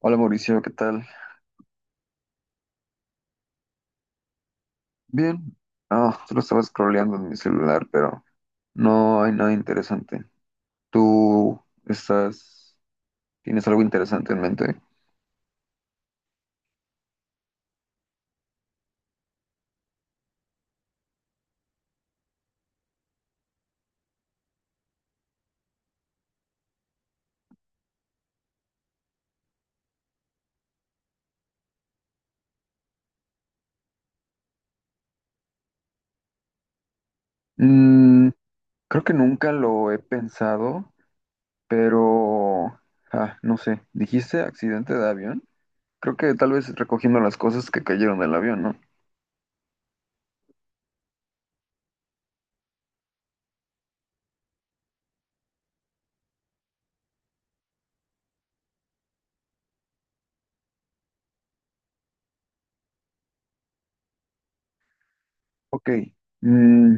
Hola Mauricio, ¿qué tal? Bien. Ah, solo estaba scrolleando en mi celular, pero no hay nada interesante. ¿Tú estás, tienes algo interesante en mente? Mm, creo que nunca lo he pensado, pero no sé. ¿Dijiste accidente de avión? Creo que tal vez recogiendo las cosas que cayeron del avión, ¿no? Ok. Mm,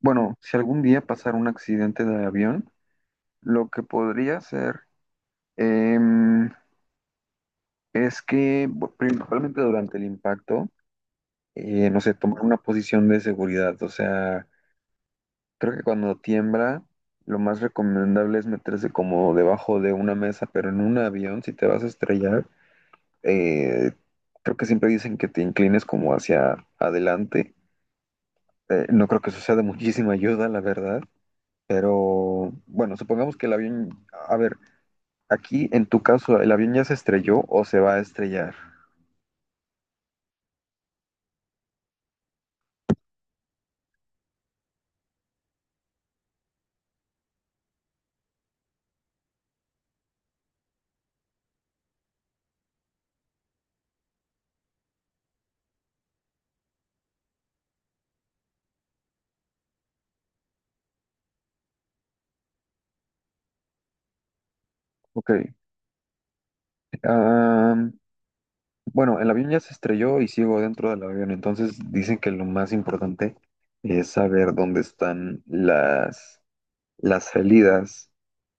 bueno, si algún día pasara un accidente de avión, lo que podría hacer, em, principalmente durante el impacto, no sé, tomar una posición de seguridad. O sea, creo que cuando tiembla, lo más recomendable es meterse como debajo de una mesa, pero en un avión, si te vas a estrellar, eh, creo que siempre dicen que te inclines como hacia adelante. No creo que eso sea de muchísima ayuda, la verdad. Pero bueno, supongamos que el avión, a ver, aquí en tu caso, ¿el avión ya se estrelló o se va a estrellar? Ok. Am, bueno, el avión ya se estrelló y sigo dentro del avión, entonces dicen que lo más importante es saber dónde están las salidas.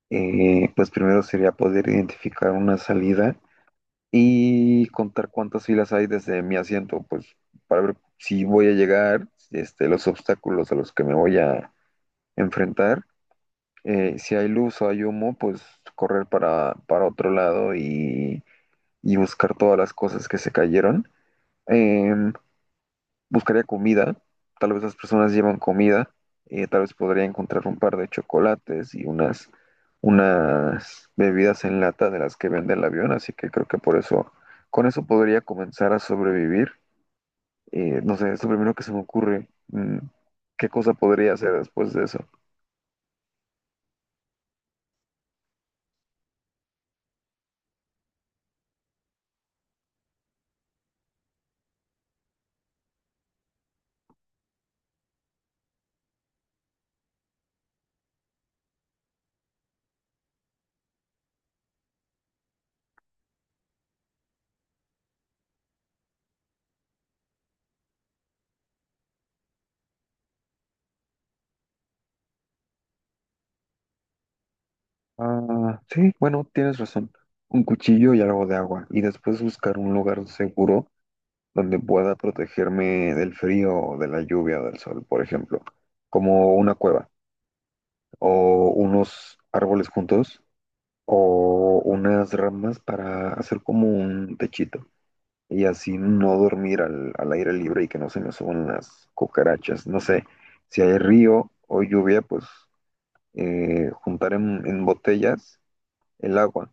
Pues primero sería poder identificar una salida y contar cuántas filas hay desde mi asiento, pues para ver si voy a llegar, este, los obstáculos a los que me voy a enfrentar. Si hay luz o hay humo, pues correr para otro lado y buscar todas las cosas que se cayeron. em, buscaría comida, tal vez las personas llevan comida, tal vez podría encontrar un par de chocolates y unas bebidas en lata de las que vende el avión, así que creo que por eso, con eso podría comenzar a sobrevivir. No sé, es lo primero que se me ocurre. ¿Qué cosa podría hacer después de eso? Ah, sí, bueno, tienes razón. Un cuchillo y algo de agua. Y después buscar un lugar seguro donde pueda protegerme del frío, o de la lluvia o del sol, por ejemplo, como una cueva o unos árboles juntos o unas ramas para hacer como un techito y así no dormir al aire libre y que no se me suban las cucarachas. No sé, si hay río o lluvia, pues juntar en botellas el agua,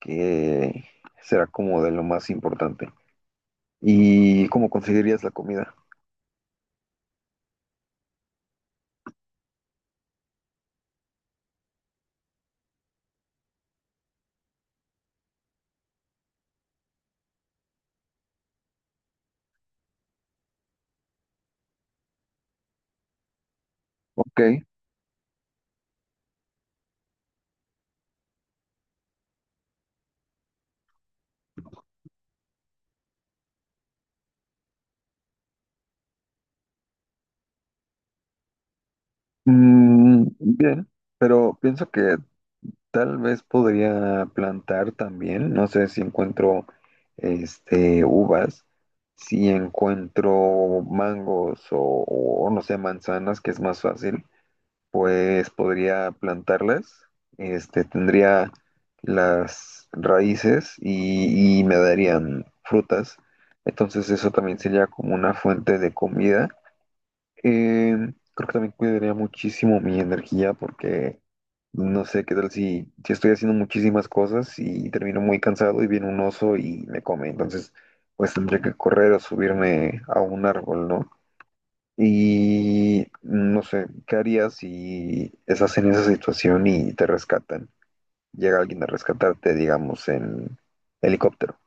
que será como de lo más importante. ¿Y cómo conseguirías la comida? Ok. Bien, pero pienso que tal vez podría plantar también. No sé si encuentro este uvas, si encuentro mangos o no sé, manzanas, que es más fácil, pues podría plantarlas. Este tendría las raíces y me darían frutas. Entonces eso también sería como una fuente de comida. eh, Creo que también cuidaría muchísimo mi energía porque no sé qué tal si estoy haciendo muchísimas cosas y termino muy cansado y viene un oso y me come. Entonces, pues tendría que correr o subirme a un árbol, ¿no? Y no sé, ¿qué harías si estás en esa situación y te rescatan? Llega alguien a rescatarte, digamos, en helicóptero.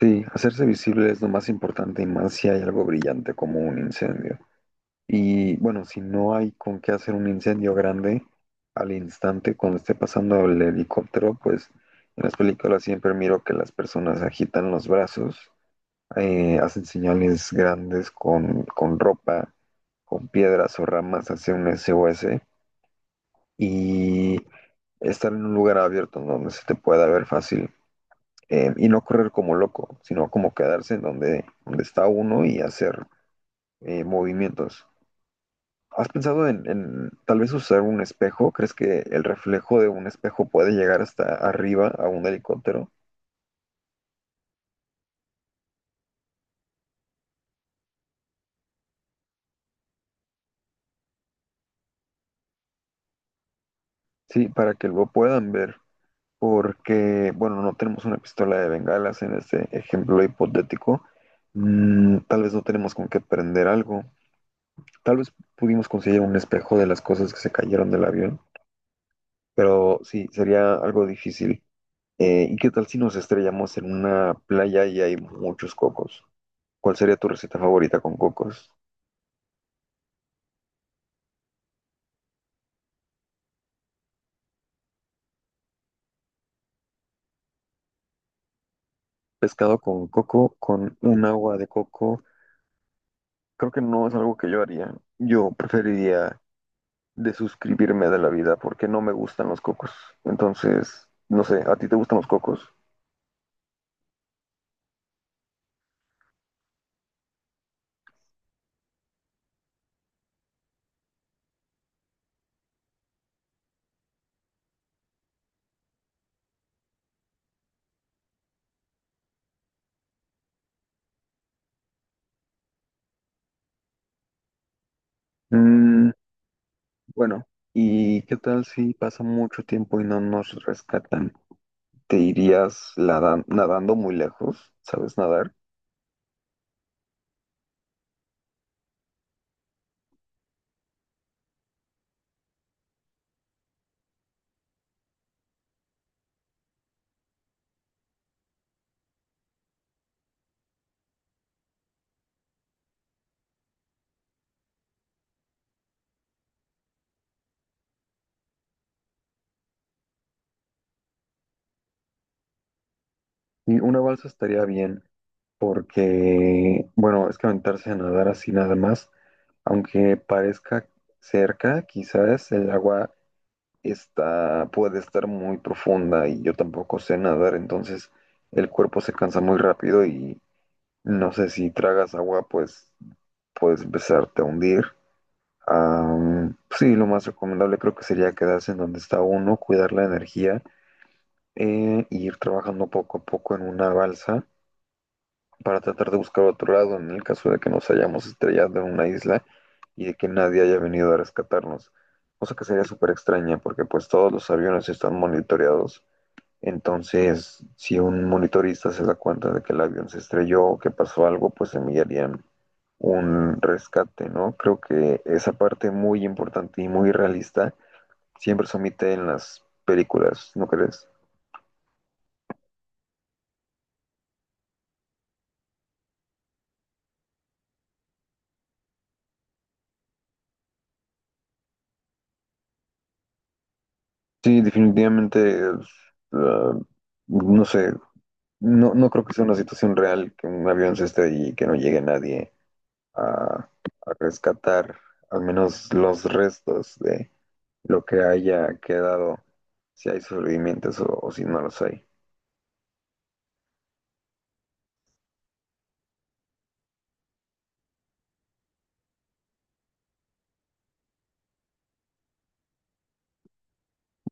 Sí, hacerse visible es lo más importante y más si hay algo brillante como un incendio. Y bueno, si no hay con qué hacer un incendio grande al instante cuando esté pasando el helicóptero, pues en las películas siempre miro que las personas agitan los brazos, hacen señales grandes con ropa, con piedras o ramas hacia un SOS y estar en un lugar abierto en donde se te pueda ver fácil. Y no correr como loco, sino como quedarse en donde, donde está uno y hacer movimientos. ¿Has pensado en tal vez usar un espejo? ¿Crees que el reflejo de un espejo puede llegar hasta arriba a un helicóptero? Sí, para que lo puedan ver, porque, bueno, no tenemos una pistola de bengalas en este ejemplo hipotético. Tal vez no tenemos con qué prender algo. Tal vez pudimos conseguir un espejo de las cosas que se cayeron del avión, pero sí, sería algo difícil. ¿Y qué tal si nos estrellamos en una playa y hay muchos cocos? ¿Cuál sería tu receta favorita con cocos? Pescado con coco, con un agua de coco, creo que no es algo que yo haría. Yo preferiría desuscribirme de la vida porque no me gustan los cocos. Entonces, no sé, ¿a ti te gustan los cocos? Mm, bueno, ¿y qué tal si pasa mucho tiempo y no nos rescatan? ¿ Nadando muy lejos? ¿Sabes nadar? Y una balsa estaría bien porque, bueno, es que aventarse a nadar así nada más. Aunque parezca cerca, quizás el agua puede estar muy profunda y yo tampoco sé nadar, entonces el cuerpo se cansa muy rápido y no sé si tragas agua, pues puedes empezarte a hundir. Sí, lo más recomendable creo que sería quedarse en donde está uno, cuidar la energía, e ir trabajando poco a poco en una balsa para tratar de buscar otro lado en el caso de que nos hayamos estrellado en una isla y de que nadie haya venido a rescatarnos. Cosa que sería súper extraña porque pues todos los aviones están monitoreados. Entonces, si un monitorista se da cuenta de que el avión se estrelló o que pasó algo, pues enviarían un rescate, ¿no? Creo que esa parte muy importante y muy realista siempre se omite en las películas, ¿no crees? Sí, definitivamente, es, uh, no sé, no, no creo que sea una situación real que un avión se estrelle y que no llegue nadie a, a rescatar al menos los restos de lo que haya quedado, si hay sobrevivientes o si no los hay.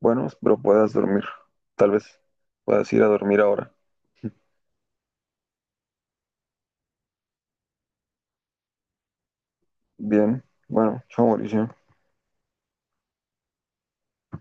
Bueno, espero puedas dormir. Tal vez puedas ir a dormir ahora. Bien, bueno, chao Mauricio.